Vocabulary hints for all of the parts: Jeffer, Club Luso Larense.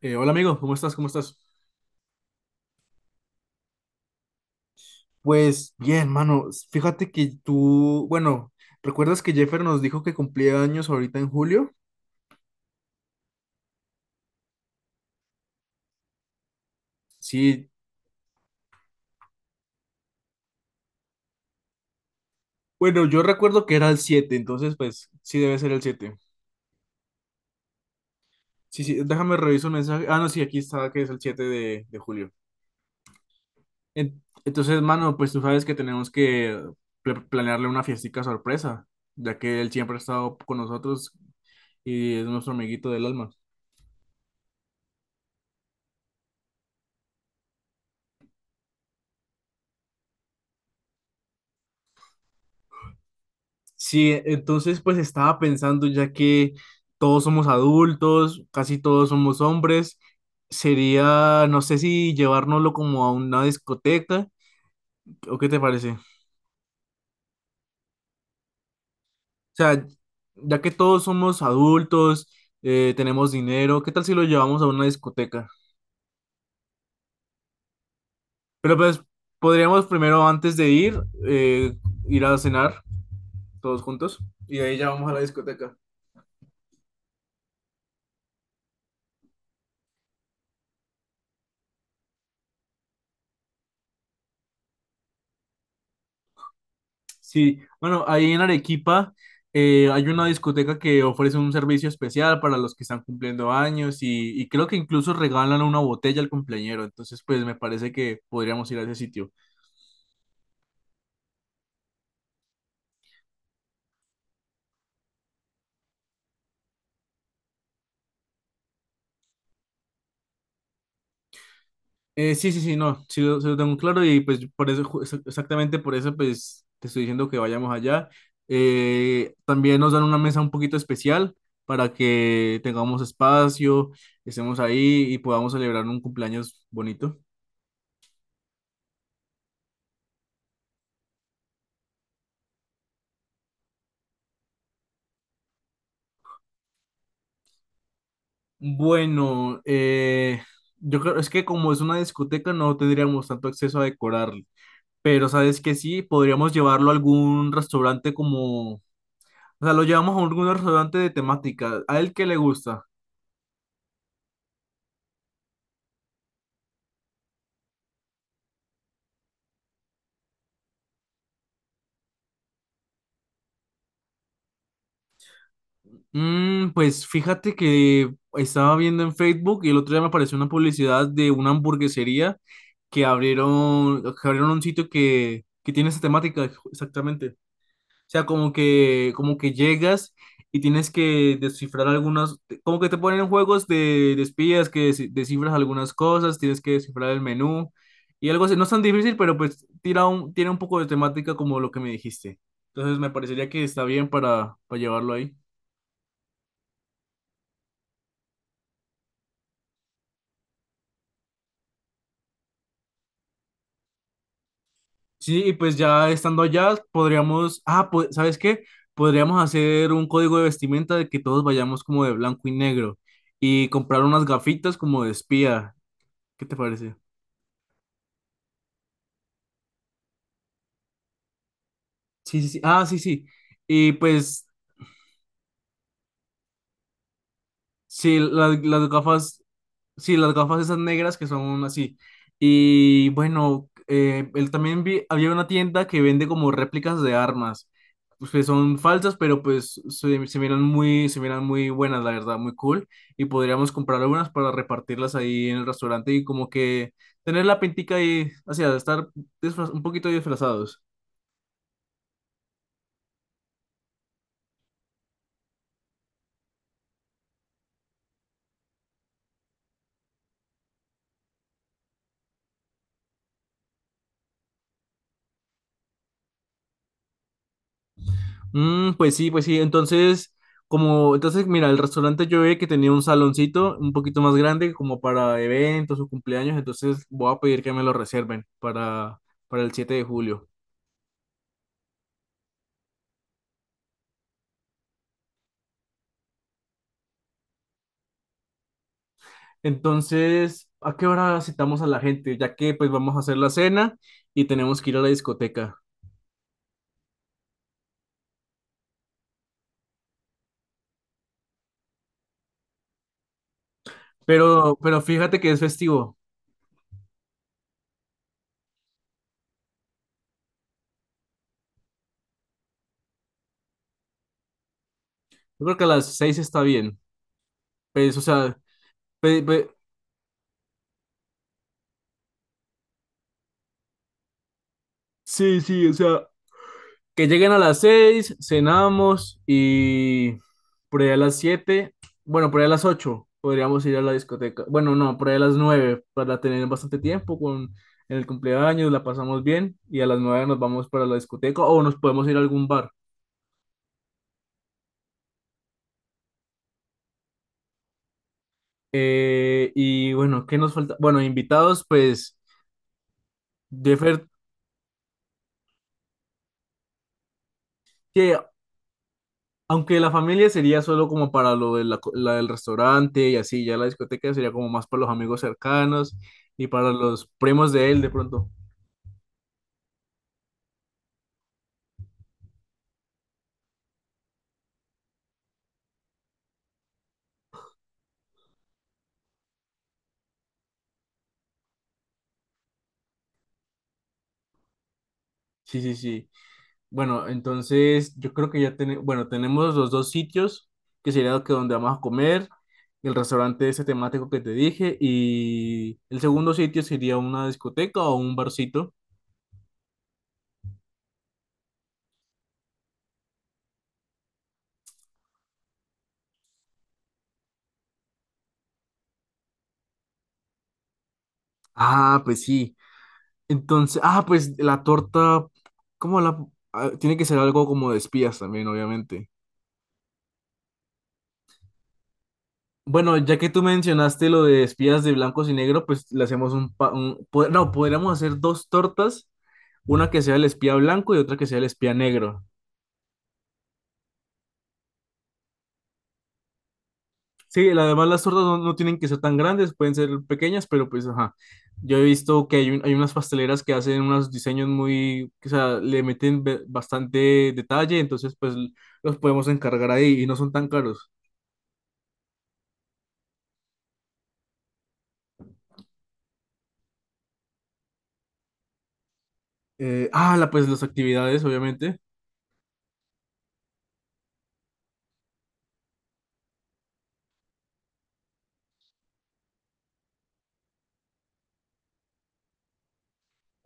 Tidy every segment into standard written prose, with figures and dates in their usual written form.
Hola amigo, ¿cómo estás? ¿Cómo estás? Pues bien, mano, fíjate que tú, bueno, ¿recuerdas que Jeffer nos dijo que cumplía años ahorita en julio? Sí, bueno, yo recuerdo que era el 7, entonces pues sí debe ser el 7. Sí, sí, déjame revisar un mensaje. Ah, no, sí, aquí está que es el 7 de julio. Entonces, mano, pues tú sabes que tenemos que planearle una fiestica sorpresa, ya que él siempre ha estado con nosotros y es nuestro amiguito del alma. Sí, entonces pues estaba pensando, ya que todos somos adultos, casi todos somos hombres, sería, no sé si llevárnoslo como a una discoteca, ¿o qué te parece? O sea, ya que todos somos adultos, tenemos dinero, ¿qué tal si lo llevamos a una discoteca? Pero pues podríamos primero antes de ir, eh, ir a cenar todos juntos y de ahí ya vamos a la discoteca. Sí, bueno, ahí en Arequipa hay una discoteca que ofrece un servicio especial para los que están cumpliendo años y creo que incluso regalan una botella al cumpleañero, entonces pues me parece que podríamos ir a ese sitio. Sí, sí, sí, no, sí lo tengo claro y pues por eso, exactamente por eso pues te estoy diciendo que vayamos allá. También nos dan una mesa un poquito especial para que tengamos espacio, estemos ahí y podamos celebrar un cumpleaños bonito. Bueno, yo creo, es que como es una discoteca no tendríamos tanto acceso a decorarlo, pero sabes que sí, podríamos llevarlo a algún restaurante como, o sea, lo llevamos a algún restaurante de temática, a él que le gusta. Pues fíjate que estaba viendo en Facebook y el otro día me apareció una publicidad de una hamburguesería que abrieron un sitio que tiene esa temática, exactamente. O sea, como que llegas y tienes que descifrar algunas, como que te ponen en juegos de espías que descifras algunas cosas, tienes que descifrar el menú y algo así. No es tan difícil, pero pues tiene un poco de temática como lo que me dijiste. Entonces me parecería que está bien para, llevarlo ahí. Sí, y pues ya estando allá, podríamos, pues, ¿sabes qué? Podríamos hacer un código de vestimenta de que todos vayamos como de blanco y negro y comprar unas gafitas como de espía. ¿Qué te parece? Sí, sí, sí. Ah, sí, sí. Y pues, sí, las gafas, sí, las gafas esas negras que son así. Y bueno, él también había una tienda que vende como réplicas de armas. Pues que son falsas, pero pues se miran muy buenas, la verdad, muy cool. Y podríamos comprar algunas para repartirlas ahí en el restaurante y como que tener la pintica ahí, o sea, estar disfraz un poquito disfrazados. Pues sí, pues sí. Entonces, mira, el restaurante yo vi que tenía un saloncito un poquito más grande como para eventos o cumpleaños, entonces voy a pedir que me lo reserven para el 7 de julio. Entonces, ¿a qué hora citamos a la gente? Ya que pues vamos a hacer la cena y tenemos que ir a la discoteca. Pero fíjate que es festivo. Yo creo que a las 6 está bien. Pues, o sea, pe- pe- sí, sí, o sea, que lleguen a las 6 cenamos y por ahí a las 7 bueno, por ahí a las 8 podríamos ir a la discoteca. Bueno, no, por ahí a las 9 para tener bastante tiempo con en el cumpleaños, la pasamos bien y a las 9 nos vamos para la discoteca o nos podemos ir a algún bar. Y bueno, ¿qué nos falta? Bueno, invitados, pues Jeffer, que aunque la familia sería solo como para lo de la del restaurante y así, ya la discoteca sería como más para los amigos cercanos y para los primos de él de pronto. Sí, sí, sí. Bueno, entonces yo creo que ya tenemos, bueno, tenemos los dos sitios, que sería lo que donde vamos a comer, el restaurante ese temático que te dije y el segundo sitio sería una discoteca o un barcito. Ah, pues sí. Entonces, pues la torta, ¿cómo la? Tiene que ser algo como de espías también, obviamente. Bueno, ya que tú mencionaste lo de espías de blancos y negro, pues le hacemos un, pa- un po- no, podríamos hacer dos tortas, una que sea el espía blanco y otra que sea el espía negro. Sí, además las tortas no tienen que ser tan grandes, pueden ser pequeñas, pero pues ajá. Yo he visto que hay unas pasteleras que hacen unos diseños muy, o sea, le meten bastante detalle, entonces pues los podemos encargar ahí y no son tan caros. Pues las actividades, obviamente.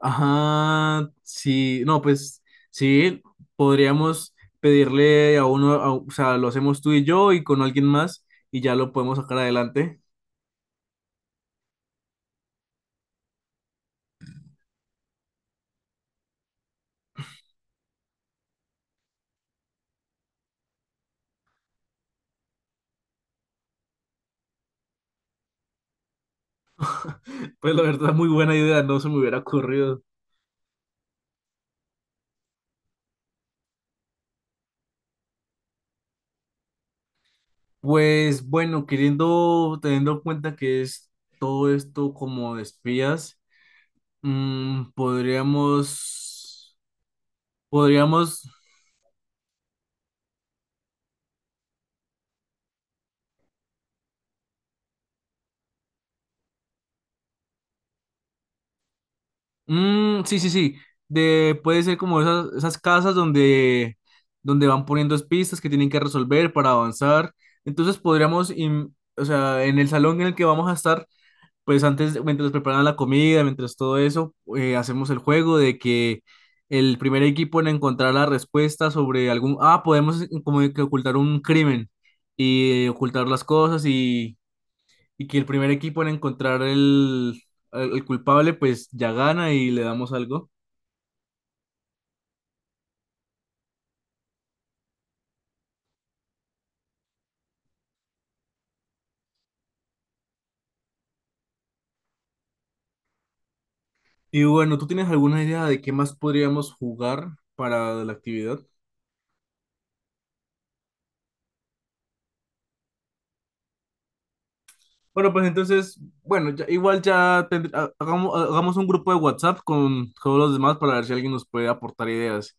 Ajá, sí, no, pues sí, podríamos pedirle a uno, o sea, lo hacemos tú y yo y con alguien más y ya lo podemos sacar adelante. Pues la verdad, muy buena idea, no se me hubiera ocurrido. Pues bueno, teniendo en cuenta que es todo esto como de espías, mm, podríamos, podríamos. Mm, sí, sí, sí. Puede ser como esas casas donde van poniendo pistas que tienen que resolver para avanzar. Entonces podríamos, o sea, en el salón en el que vamos a estar, pues antes, mientras preparan la comida, mientras todo eso, hacemos el juego de que el primer equipo en encontrar la respuesta sobre algún, podemos como que ocultar un crimen y ocultar las cosas y que el primer equipo en encontrar el culpable, pues ya gana y le damos algo. Y bueno, ¿tú tienes alguna idea de qué más podríamos jugar para la actividad? Bueno, pues entonces, bueno, igual ya hagamos un grupo de WhatsApp con todos los demás para ver si alguien nos puede aportar ideas.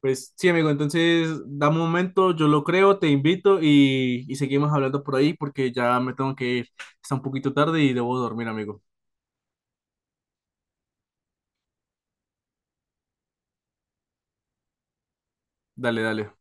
Pues sí, amigo, entonces da un momento, yo lo creo, te invito y seguimos hablando por ahí porque ya me tengo que ir. Está un poquito tarde y debo dormir, amigo. Dale, dale.